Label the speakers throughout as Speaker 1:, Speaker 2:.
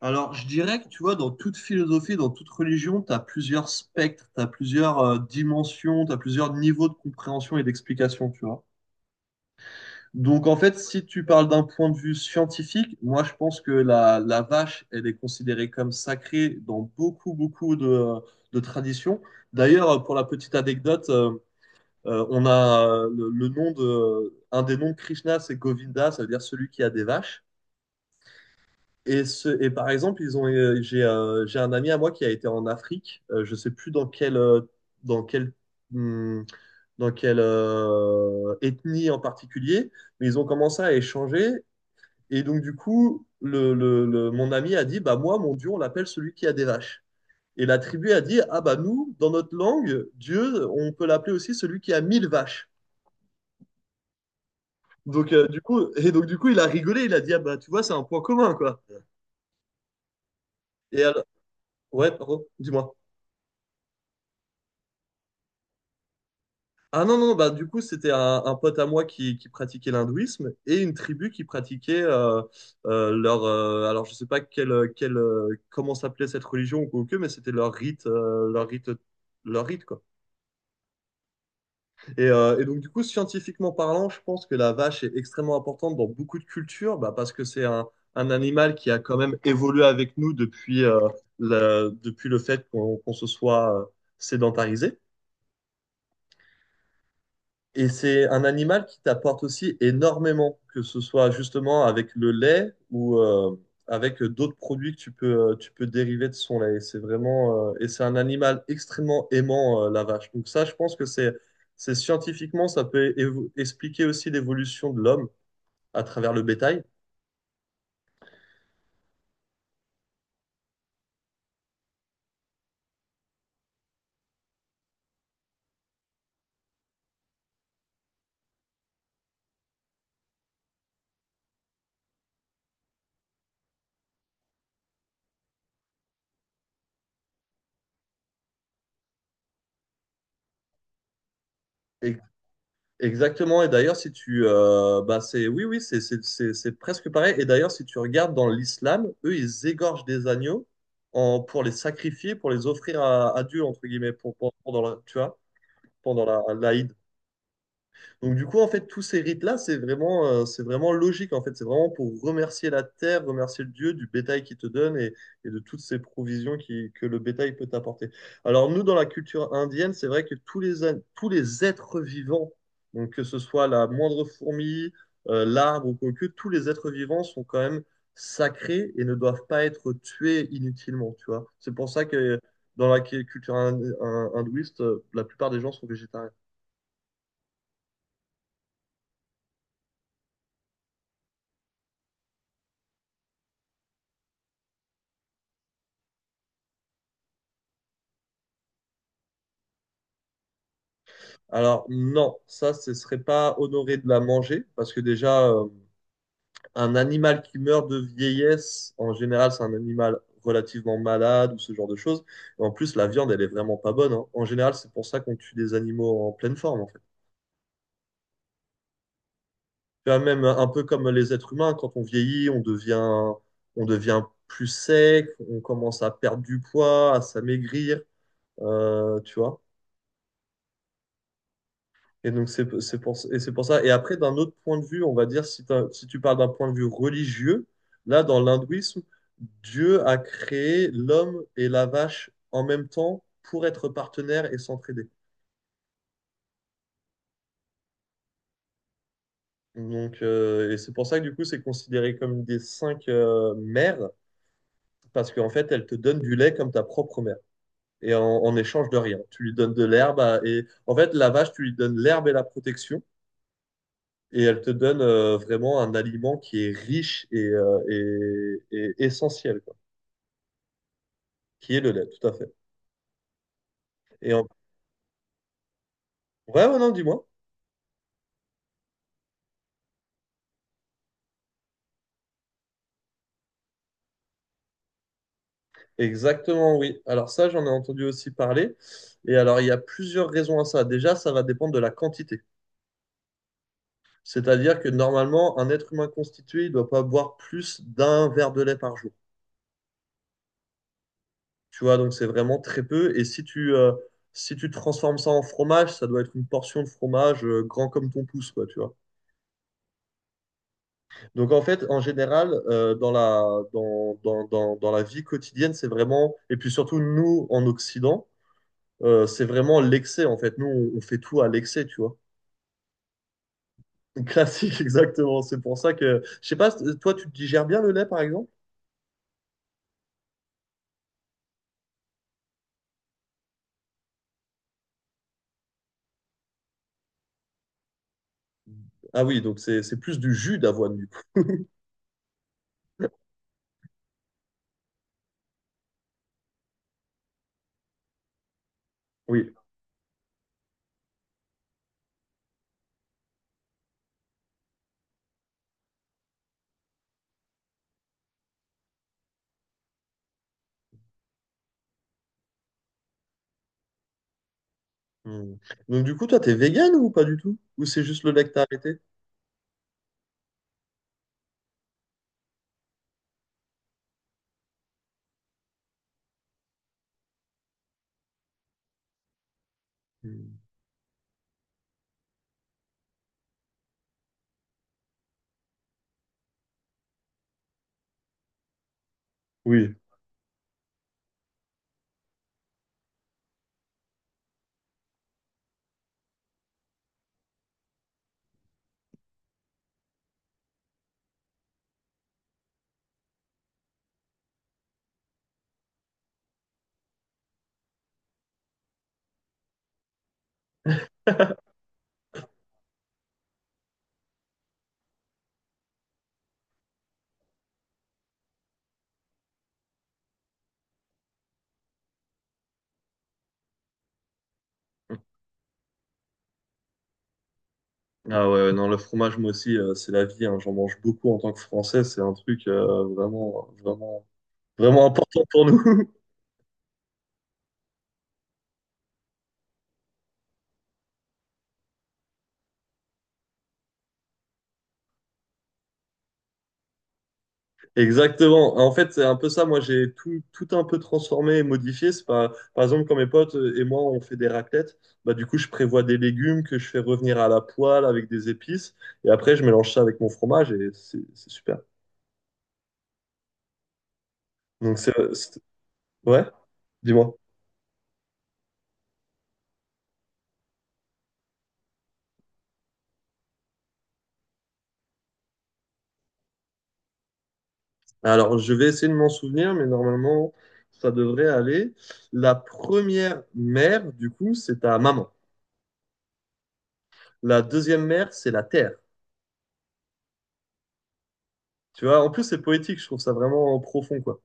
Speaker 1: Alors, je dirais que tu vois, dans toute philosophie, dans toute religion, tu as plusieurs spectres, tu as plusieurs dimensions, tu as plusieurs niveaux de compréhension et d'explication, tu vois. Donc, en fait, si tu parles d'un point de vue scientifique, moi, je pense que la vache, elle est considérée comme sacrée dans beaucoup de traditions. D'ailleurs, pour la petite anecdote, on a le nom de, un des noms de Krishna, c'est Govinda, ça veut dire celui qui a des vaches. Et par exemple, j'ai un ami à moi qui a été en Afrique. Je sais plus dans dans quelle, hum, quelle ethnie en particulier, mais ils ont commencé à échanger. Et donc, du coup, mon ami a dit, bah moi, mon Dieu, on l'appelle celui qui a des vaches. Et la tribu a dit, ah bah nous, dans notre langue, Dieu, on peut l'appeler aussi celui qui a mille vaches. Donc du coup, il a rigolé, il a dit, ah bah tu vois, c'est un point commun, quoi. Et alors, ouais, pardon, dis-moi. Ah non, non, bah du coup, c'était un pote à moi qui pratiquait l'hindouisme et une tribu qui pratiquait leur. Alors, je sais pas quelle comment s'appelait cette religion ou que, mais c'était leur rite, leur rite, quoi. Et donc, du coup, scientifiquement parlant, je pense que la vache est extrêmement importante dans beaucoup de cultures bah, parce que c'est un animal qui a quand même évolué avec nous depuis le fait qu'on se soit sédentarisé. Et c'est un animal qui t'apporte aussi énormément, que ce soit justement avec le lait ou avec d'autres produits que tu peux dériver de son lait. Et c'est un animal extrêmement aimant, la vache. Donc ça, je pense que c'est scientifiquement, ça peut expliquer aussi l'évolution de l'homme à travers le bétail. Et Exactement, et d'ailleurs, si tu. Bah c'est, oui, oui, c'est presque pareil. Et d'ailleurs, si tu regardes dans l'islam, eux, ils égorgent des agneaux en, pour les sacrifier, pour les offrir à Dieu, entre guillemets, pendant la, tu vois, pendant la, l'Aïd. Donc du coup, en fait, tous ces rites-là, c'est vraiment logique, en fait. C'est vraiment pour remercier la terre, remercier le Dieu du bétail qu'il te donne et de toutes ces provisions que le bétail peut t'apporter. Alors nous, dans la culture indienne, c'est vrai que tous les êtres vivants, donc que ce soit la moindre fourmi, l'arbre ou quoi que, tous les êtres vivants sont quand même sacrés et ne doivent pas être tués inutilement, tu vois. C'est pour ça que dans la culture hindouiste, la plupart des gens sont végétariens. Alors non, ça, ce serait pas honoré de la manger, parce que déjà, un animal qui meurt de vieillesse, en général, c'est un animal relativement malade ou ce genre de choses. Et en plus, la viande, elle est vraiment pas bonne, hein. En général, c'est pour ça qu'on tue des animaux en pleine forme, en fait. Tu vois, même un peu comme les êtres humains, quand on vieillit, on devient plus sec, on commence à perdre du poids, à s'amaigrir, tu vois. Et donc, c'est pour ça. Et après, d'un autre point de vue, on va dire, si tu parles d'un point de vue religieux, là, dans l'hindouisme, Dieu a créé l'homme et la vache en même temps pour être partenaires et s'entraider. Donc c'est pour ça que du coup, c'est considéré comme une des cinq mères, parce qu'en fait, elle te donne du lait comme ta propre mère, et en échange de rien. Tu lui donnes de l'herbe, à- et en fait, la vache, tu lui donnes l'herbe et la protection, et elle te donne vraiment un aliment qui est riche et essentiel, quoi, qui est le lait, tout à fait. Et en... Ouais, ouais, non, dis-moi. Exactement, oui. Alors ça, j'en ai entendu aussi parler. Et alors, il y a plusieurs raisons à ça. Déjà, ça va dépendre de la quantité. C'est-à-dire que normalement, un être humain constitué, il ne doit pas boire plus d'un verre de lait par jour. Tu vois, donc c'est vraiment très peu. Et si tu transformes ça en fromage, ça doit être une portion de fromage grand comme ton pouce, quoi, tu vois. Donc en fait, en général, dans la, dans, dans, dans, dans la vie quotidienne, c'est vraiment, et puis surtout nous en Occident, c'est vraiment l'excès en fait. Nous, on fait tout à l'excès, tu vois. Classique, exactement. C'est pour ça que, je sais pas, toi, tu digères bien le lait par exemple? Ah oui, donc c'est plus du jus d'avoine du coup. Oui. Hmm. Donc du coup, toi, t'es vegan ou pas du tout? Ou c'est juste le lait que t'as arrêté? Hmm. Oui. Ah ouais, ouais, non, le fromage, moi aussi, c'est la vie, hein. J'en mange beaucoup en tant que Français. C'est un truc Vraiment important pour nous. Exactement. En fait, c'est un peu ça. Moi, j'ai tout un peu transformé et modifié. C'est pas, par exemple, quand mes potes et moi, on fait des raclettes, bah, du coup, je prévois des légumes que je fais revenir à la poêle avec des épices. Et après, je mélange ça avec mon fromage et c'est super. Donc, ouais, dis-moi. Alors, je vais essayer de m'en souvenir, mais normalement, ça devrait aller. La première mère, du coup, c'est ta maman. La deuxième mère, c'est la terre. Tu vois, en plus, c'est poétique. Je trouve ça vraiment profond, quoi.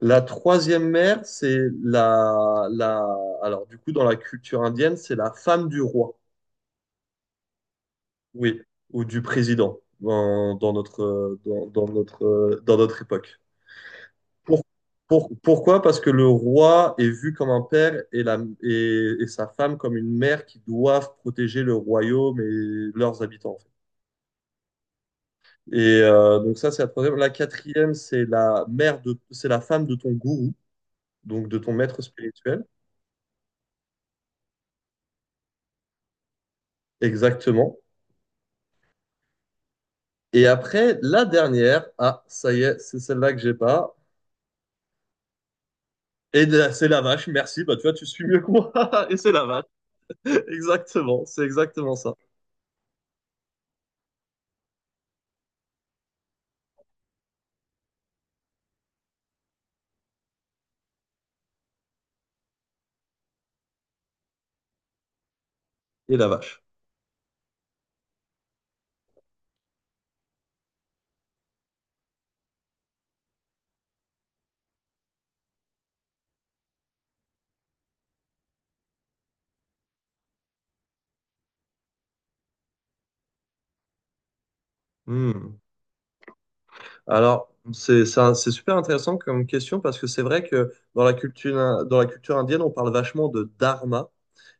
Speaker 1: La troisième mère, c'est la. Alors, du coup, dans la culture indienne, c'est la femme du roi, oui, ou du président, dans notre époque. Pour- pourquoi? Parce que le roi est vu comme un père et sa femme comme une mère qui doivent protéger le royaume et leurs habitants, en fait. Et donc, ça, c'est la troisième. La quatrième, c'est la femme de ton gourou, donc de ton maître spirituel. Exactement. Et après, la dernière, ah, ça y est, c'est celle-là que j'ai pas. C'est la vache, merci, bah tu vois, tu suis mieux que moi. Et c'est la vache, exactement, c'est exactement ça. Et la vache. Hmm. Alors, c'est ça, c'est super intéressant comme question parce que c'est vrai que dans la culture indienne, on parle vachement de dharma.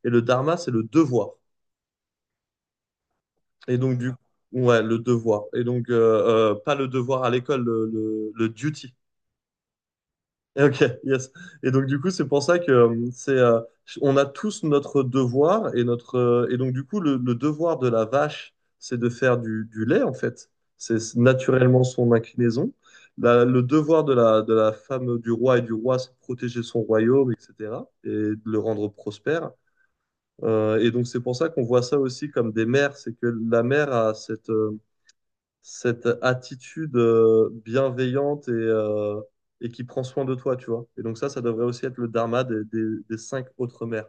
Speaker 1: Et le dharma, c'est le devoir. Et donc, du ouais, le devoir. Et donc, pas le devoir à l'école, le duty. Ok, yes. Et donc du coup, c'est pour ça que on a tous notre devoir et notre et donc du coup, le devoir de la vache, c'est de faire du lait en fait. C'est naturellement son inclinaison. Le devoir de la femme du roi et du roi, c'est de protéger son royaume, etc. et de le rendre prospère. Et donc c'est pour ça qu'on voit ça aussi comme des mères, c'est que la mère a cette cette attitude bienveillante et qui prend soin de toi, tu vois. Et donc ça devrait aussi être le dharma des cinq autres mères.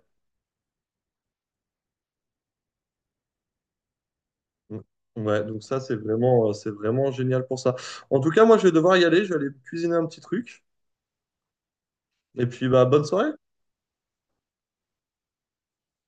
Speaker 1: Mm. Ouais, donc ça, c'est vraiment génial pour ça. En tout cas, moi, je vais devoir y aller, je vais aller cuisiner un petit truc. Et puis, bah, bonne soirée.